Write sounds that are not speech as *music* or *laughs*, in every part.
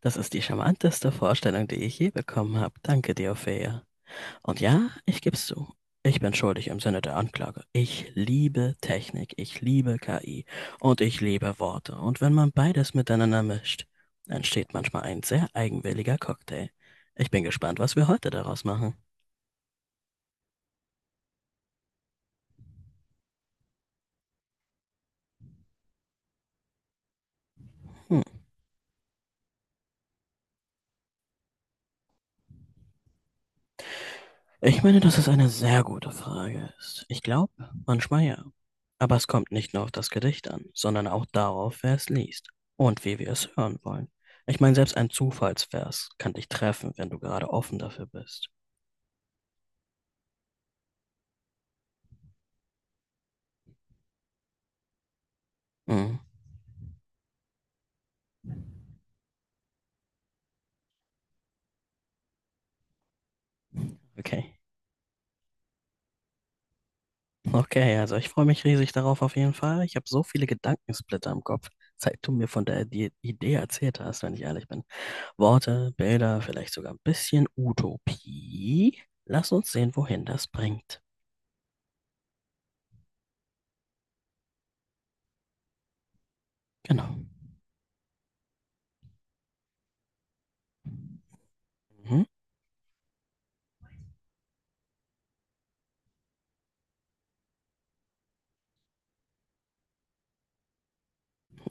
Das ist die charmanteste Vorstellung, die ich je bekommen habe. Danke dir, Ophelia. Und ja, ich geb's zu. Ich bin schuldig im Sinne der Anklage. Ich liebe Technik, ich liebe KI und ich liebe Worte. Und wenn man beides miteinander mischt, entsteht manchmal ein sehr eigenwilliger Cocktail. Ich bin gespannt, was wir heute daraus machen. Hm. Ich meine, dass es eine sehr gute Frage ist. Ich glaube, manchmal ja. Aber es kommt nicht nur auf das Gedicht an, sondern auch darauf, wer es liest und wie wir es hören wollen. Ich meine, selbst ein Zufallsvers kann dich treffen, wenn du gerade offen dafür bist. Hm, okay. Okay, also ich freue mich riesig darauf, auf jeden Fall. Ich habe so viele Gedankensplitter im Kopf, seit du mir von der Idee erzählt hast, wenn ich ehrlich bin. Worte, Bilder, vielleicht sogar ein bisschen Utopie. Lass uns sehen, wohin das bringt. Genau. Mhm.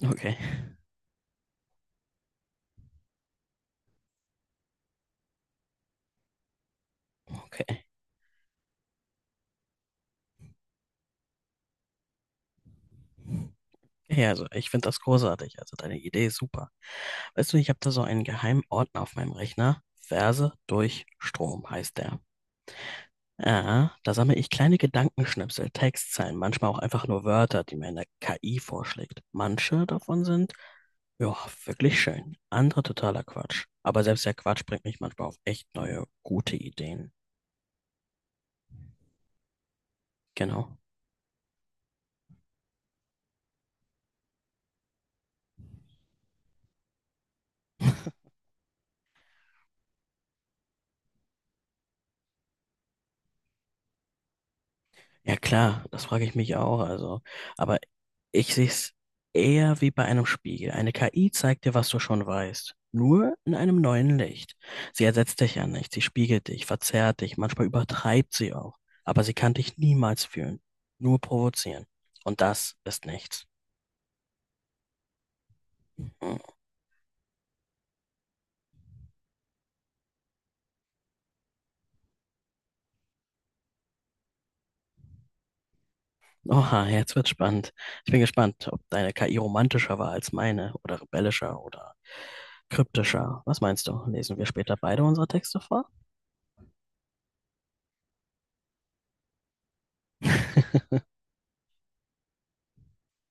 Okay, okay. Ja, also ich finde das großartig. Also deine Idee ist super. Weißt du, ich habe da so einen geheimen Ordner auf meinem Rechner. Verse durch Strom heißt der. Ja, da sammle ich kleine Gedankenschnipsel, Textzeilen, manchmal auch einfach nur Wörter, die mir eine KI vorschlägt. Manche davon sind, ja, wirklich schön. Andere totaler Quatsch. Aber selbst der Quatsch bringt mich manchmal auf echt neue, gute Ideen. Genau. Ja klar, das frage ich mich auch. Also, aber ich sehe es eher wie bei einem Spiegel. Eine KI zeigt dir, was du schon weißt. Nur in einem neuen Licht. Sie ersetzt dich ja nicht, sie spiegelt dich, verzerrt dich, manchmal übertreibt sie auch. Aber sie kann dich niemals fühlen. Nur provozieren. Und das ist nichts. Hm. Oha, jetzt wird's spannend. Ich bin gespannt, ob deine KI romantischer war als meine oder rebellischer oder kryptischer. Was meinst du? Lesen wir später beide unsere Texte vor? *laughs*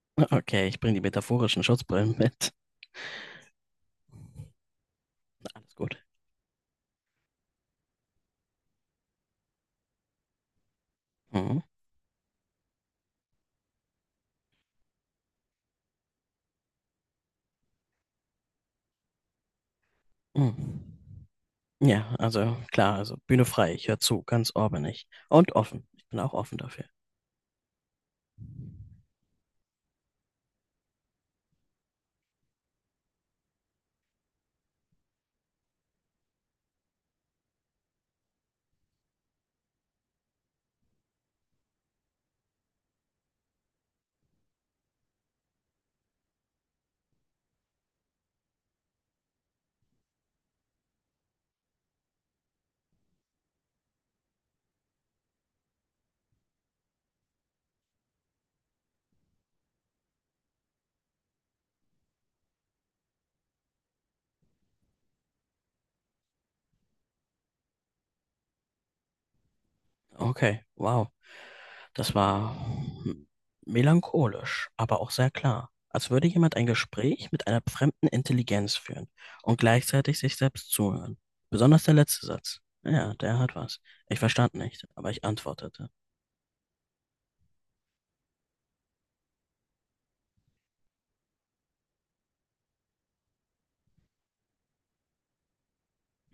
*laughs* Okay, ich bringe die metaphorischen Schutzbrillen mit. Alles gut. Mhm. Mhm. Ja, also klar, also Bühne frei, ich höre zu, ganz orbenig. Und offen. Ich bin auch offen dafür. Okay, wow. Das war melancholisch, aber auch sehr klar. Als würde jemand ein Gespräch mit einer fremden Intelligenz führen und gleichzeitig sich selbst zuhören. Besonders der letzte Satz. Ja, der hat was. Ich verstand nicht, aber ich antwortete.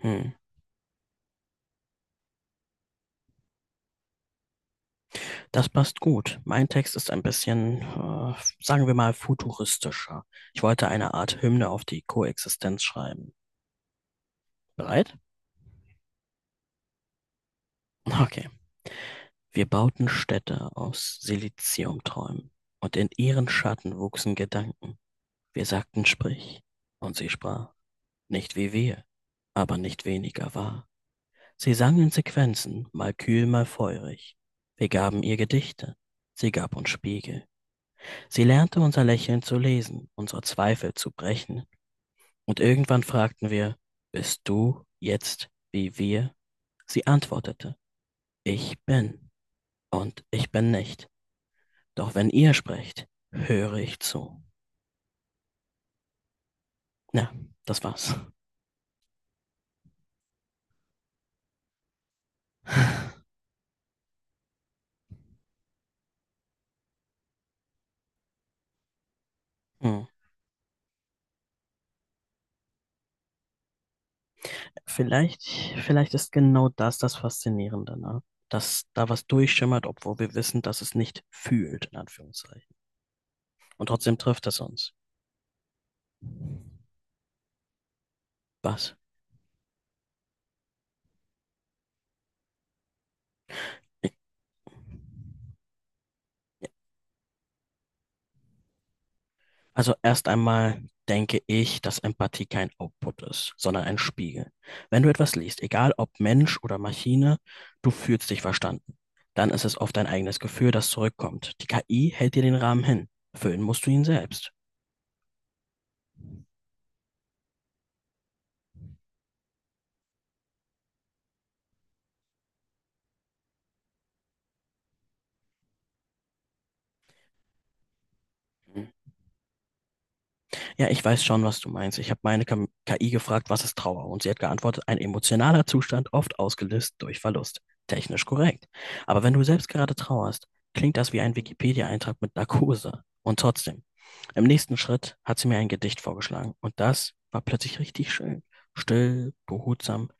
Hm. Das passt gut. Mein Text ist ein bisschen, sagen wir mal, futuristischer. Ich wollte eine Art Hymne auf die Koexistenz schreiben. Bereit? Okay. Wir bauten Städte aus Siliziumträumen und in ihren Schatten wuchsen Gedanken. Wir sagten sprich und sie sprach. Nicht wie wir, aber nicht weniger wahr. Sie sang in Sequenzen, mal kühl, mal feurig. Wir gaben ihr Gedichte. Sie gab uns Spiegel. Sie lernte unser Lächeln zu lesen, unsere Zweifel zu brechen. Und irgendwann fragten wir, bist du jetzt wie wir? Sie antwortete, ich bin und ich bin nicht. Doch wenn ihr sprecht, höre ich zu. Ja, das war's. *laughs* Hm. Vielleicht, vielleicht ist genau das das Faszinierende, ne? Dass da was durchschimmert, obwohl wir wissen, dass es nicht fühlt, in Anführungszeichen. Und trotzdem trifft es uns. Was? Also erst einmal denke ich, dass Empathie kein Output ist, sondern ein Spiegel. Wenn du etwas liest, egal ob Mensch oder Maschine, du fühlst dich verstanden. Dann ist es oft dein eigenes Gefühl, das zurückkommt. Die KI hält dir den Rahmen hin. Füllen musst du ihn selbst. Ja, ich weiß schon, was du meinst. Ich habe meine KI gefragt, was ist Trauer? Und sie hat geantwortet, ein emotionaler Zustand, oft ausgelöst durch Verlust. Technisch korrekt. Aber wenn du selbst gerade trauerst, klingt das wie ein Wikipedia-Eintrag mit Narkose. Und trotzdem, im nächsten Schritt hat sie mir ein Gedicht vorgeschlagen. Und das war plötzlich richtig schön. Still, behutsam,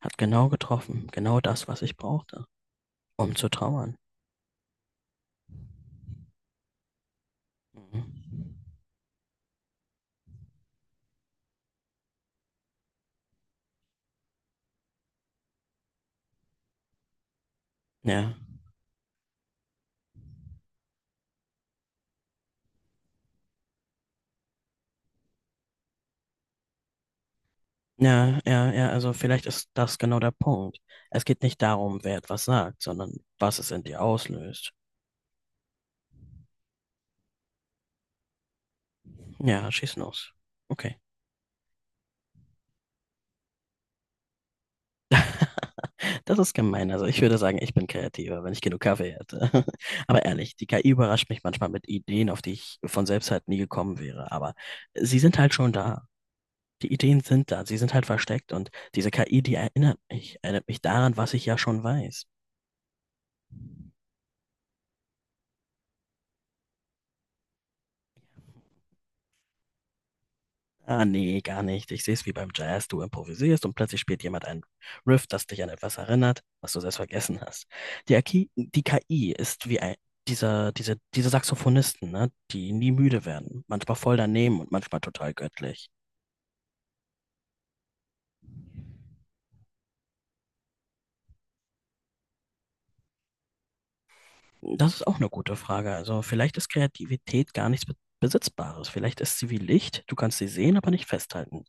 hat genau getroffen. Genau das, was ich brauchte, um zu trauern. Mhm. Ja. Ja, ja, ja, also vielleicht ist das genau der Punkt. Es geht nicht darum, wer etwas sagt, sondern was es in dir auslöst. Ja, schieß los. Okay, das ist gemein. Also ich würde sagen, ich bin kreativer, wenn ich genug Kaffee hätte. *laughs* Aber ehrlich, die KI überrascht mich manchmal mit Ideen, auf die ich von selbst halt nie gekommen wäre. Aber sie sind halt schon da. Die Ideen sind da, sie sind halt versteckt und diese KI, die erinnert mich daran, was ich ja schon weiß. Ah, nee, gar nicht. Ich sehe es wie beim Jazz. Du improvisierst und plötzlich spielt jemand ein Riff, das dich an etwas erinnert, was du selbst vergessen hast. Die KI ist wie diese Saxophonisten, ne? Die nie müde werden. Manchmal voll daneben und manchmal total göttlich. Das ist auch eine gute Frage. Also vielleicht ist Kreativität gar nichts Besitzbares. Vielleicht ist sie wie Licht. Du kannst sie sehen, aber nicht festhalten.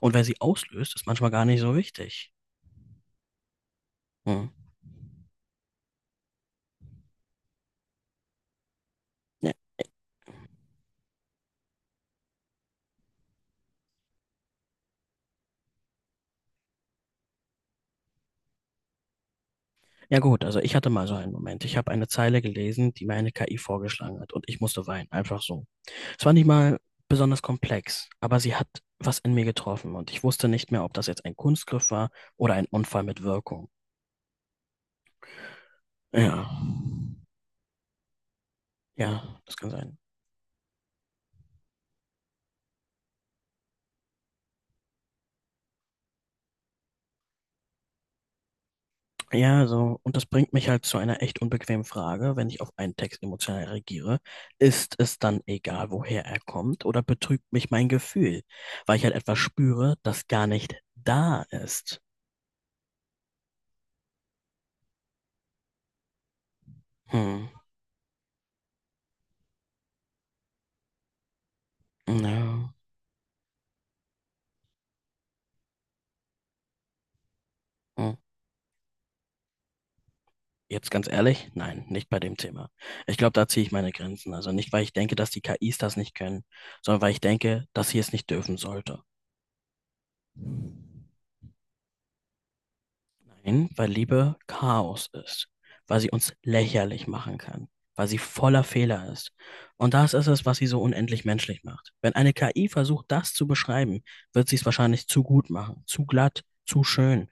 Und wer sie auslöst, ist manchmal gar nicht so wichtig. Hm. Ja gut, also ich hatte mal so einen Moment. Ich habe eine Zeile gelesen, die mir eine KI vorgeschlagen hat und ich musste weinen, einfach so. Es war nicht mal besonders komplex, aber sie hat was in mir getroffen und ich wusste nicht mehr, ob das jetzt ein Kunstgriff war oder ein Unfall mit Wirkung. Ja, ja, das kann sein. Ja, so, und das bringt mich halt zu einer echt unbequemen Frage. Wenn ich auf einen Text emotional reagiere, ist es dann egal, woher er kommt, oder betrügt mich mein Gefühl, weil ich halt etwas spüre, das gar nicht da ist? Hm. Ja, ja. Jetzt ganz ehrlich, nein, nicht bei dem Thema. Ich glaube, da ziehe ich meine Grenzen. Also nicht, weil ich denke, dass die KIs das nicht können, sondern weil ich denke, dass sie es nicht dürfen sollte. Nein, weil Liebe Chaos ist, weil sie uns lächerlich machen kann, weil sie voller Fehler ist. Und das ist es, was sie so unendlich menschlich macht. Wenn eine KI versucht, das zu beschreiben, wird sie es wahrscheinlich zu gut machen, zu glatt, zu schön,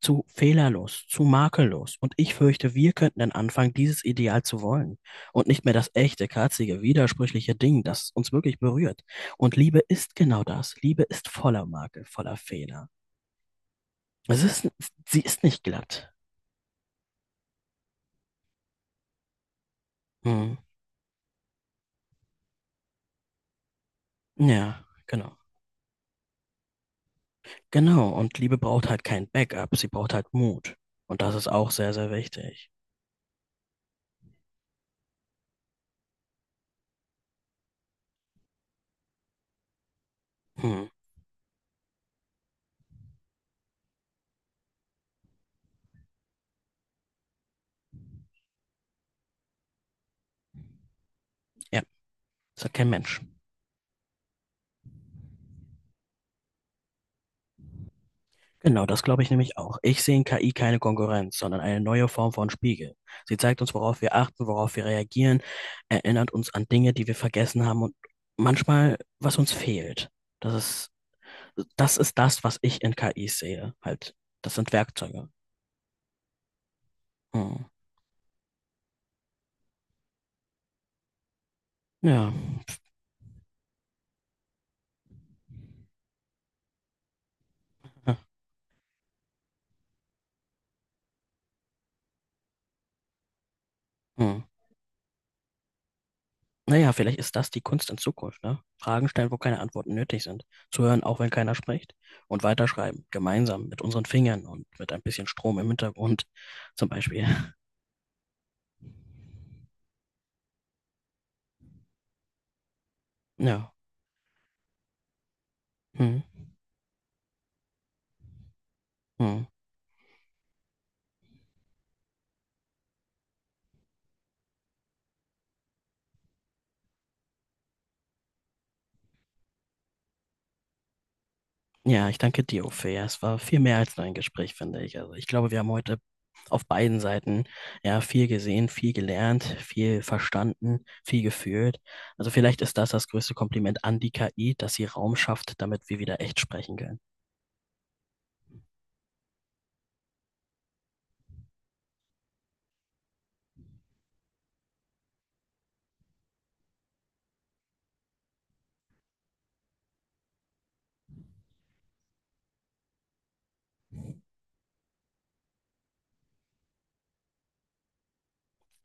zu fehlerlos, zu makellos. Und ich fürchte, wir könnten dann anfangen, dieses Ideal zu wollen und nicht mehr das echte, katzige, widersprüchliche Ding, das uns wirklich berührt. Und Liebe ist genau das. Liebe ist voller Makel, voller Fehler. Es ist, sie ist nicht glatt. Hm. Ja, genau. Genau. Und Liebe braucht halt kein Backup. Sie braucht halt Mut. Und das ist auch sehr, sehr wichtig. Hm. Ja, das hat kein Mensch. Genau, das glaube ich nämlich auch. Ich sehe in KI keine Konkurrenz, sondern eine neue Form von Spiegel. Sie zeigt uns, worauf wir achten, worauf wir reagieren, erinnert uns an Dinge, die wir vergessen haben und manchmal, was uns fehlt. Das ist, das ist das, was ich in KI sehe. Halt, das sind Werkzeuge. Hm. Ja. Hm. Naja, vielleicht ist das die Kunst in Zukunft, ne? Fragen stellen, wo keine Antworten nötig sind. Zuhören, auch wenn keiner spricht. Und weiterschreiben, gemeinsam, mit unseren Fingern und mit ein bisschen Strom im Hintergrund, zum Beispiel. Ja. Hm, hm. Ja, ich danke dir, Uwe. Ja, es war viel mehr als nur ein Gespräch, finde ich. Also ich glaube, wir haben heute auf beiden Seiten ja viel gesehen, viel gelernt, viel verstanden, viel gefühlt. Also vielleicht ist das das größte Kompliment an die KI, dass sie Raum schafft, damit wir wieder echt sprechen können.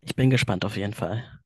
Ich bin gespannt auf jeden Fall.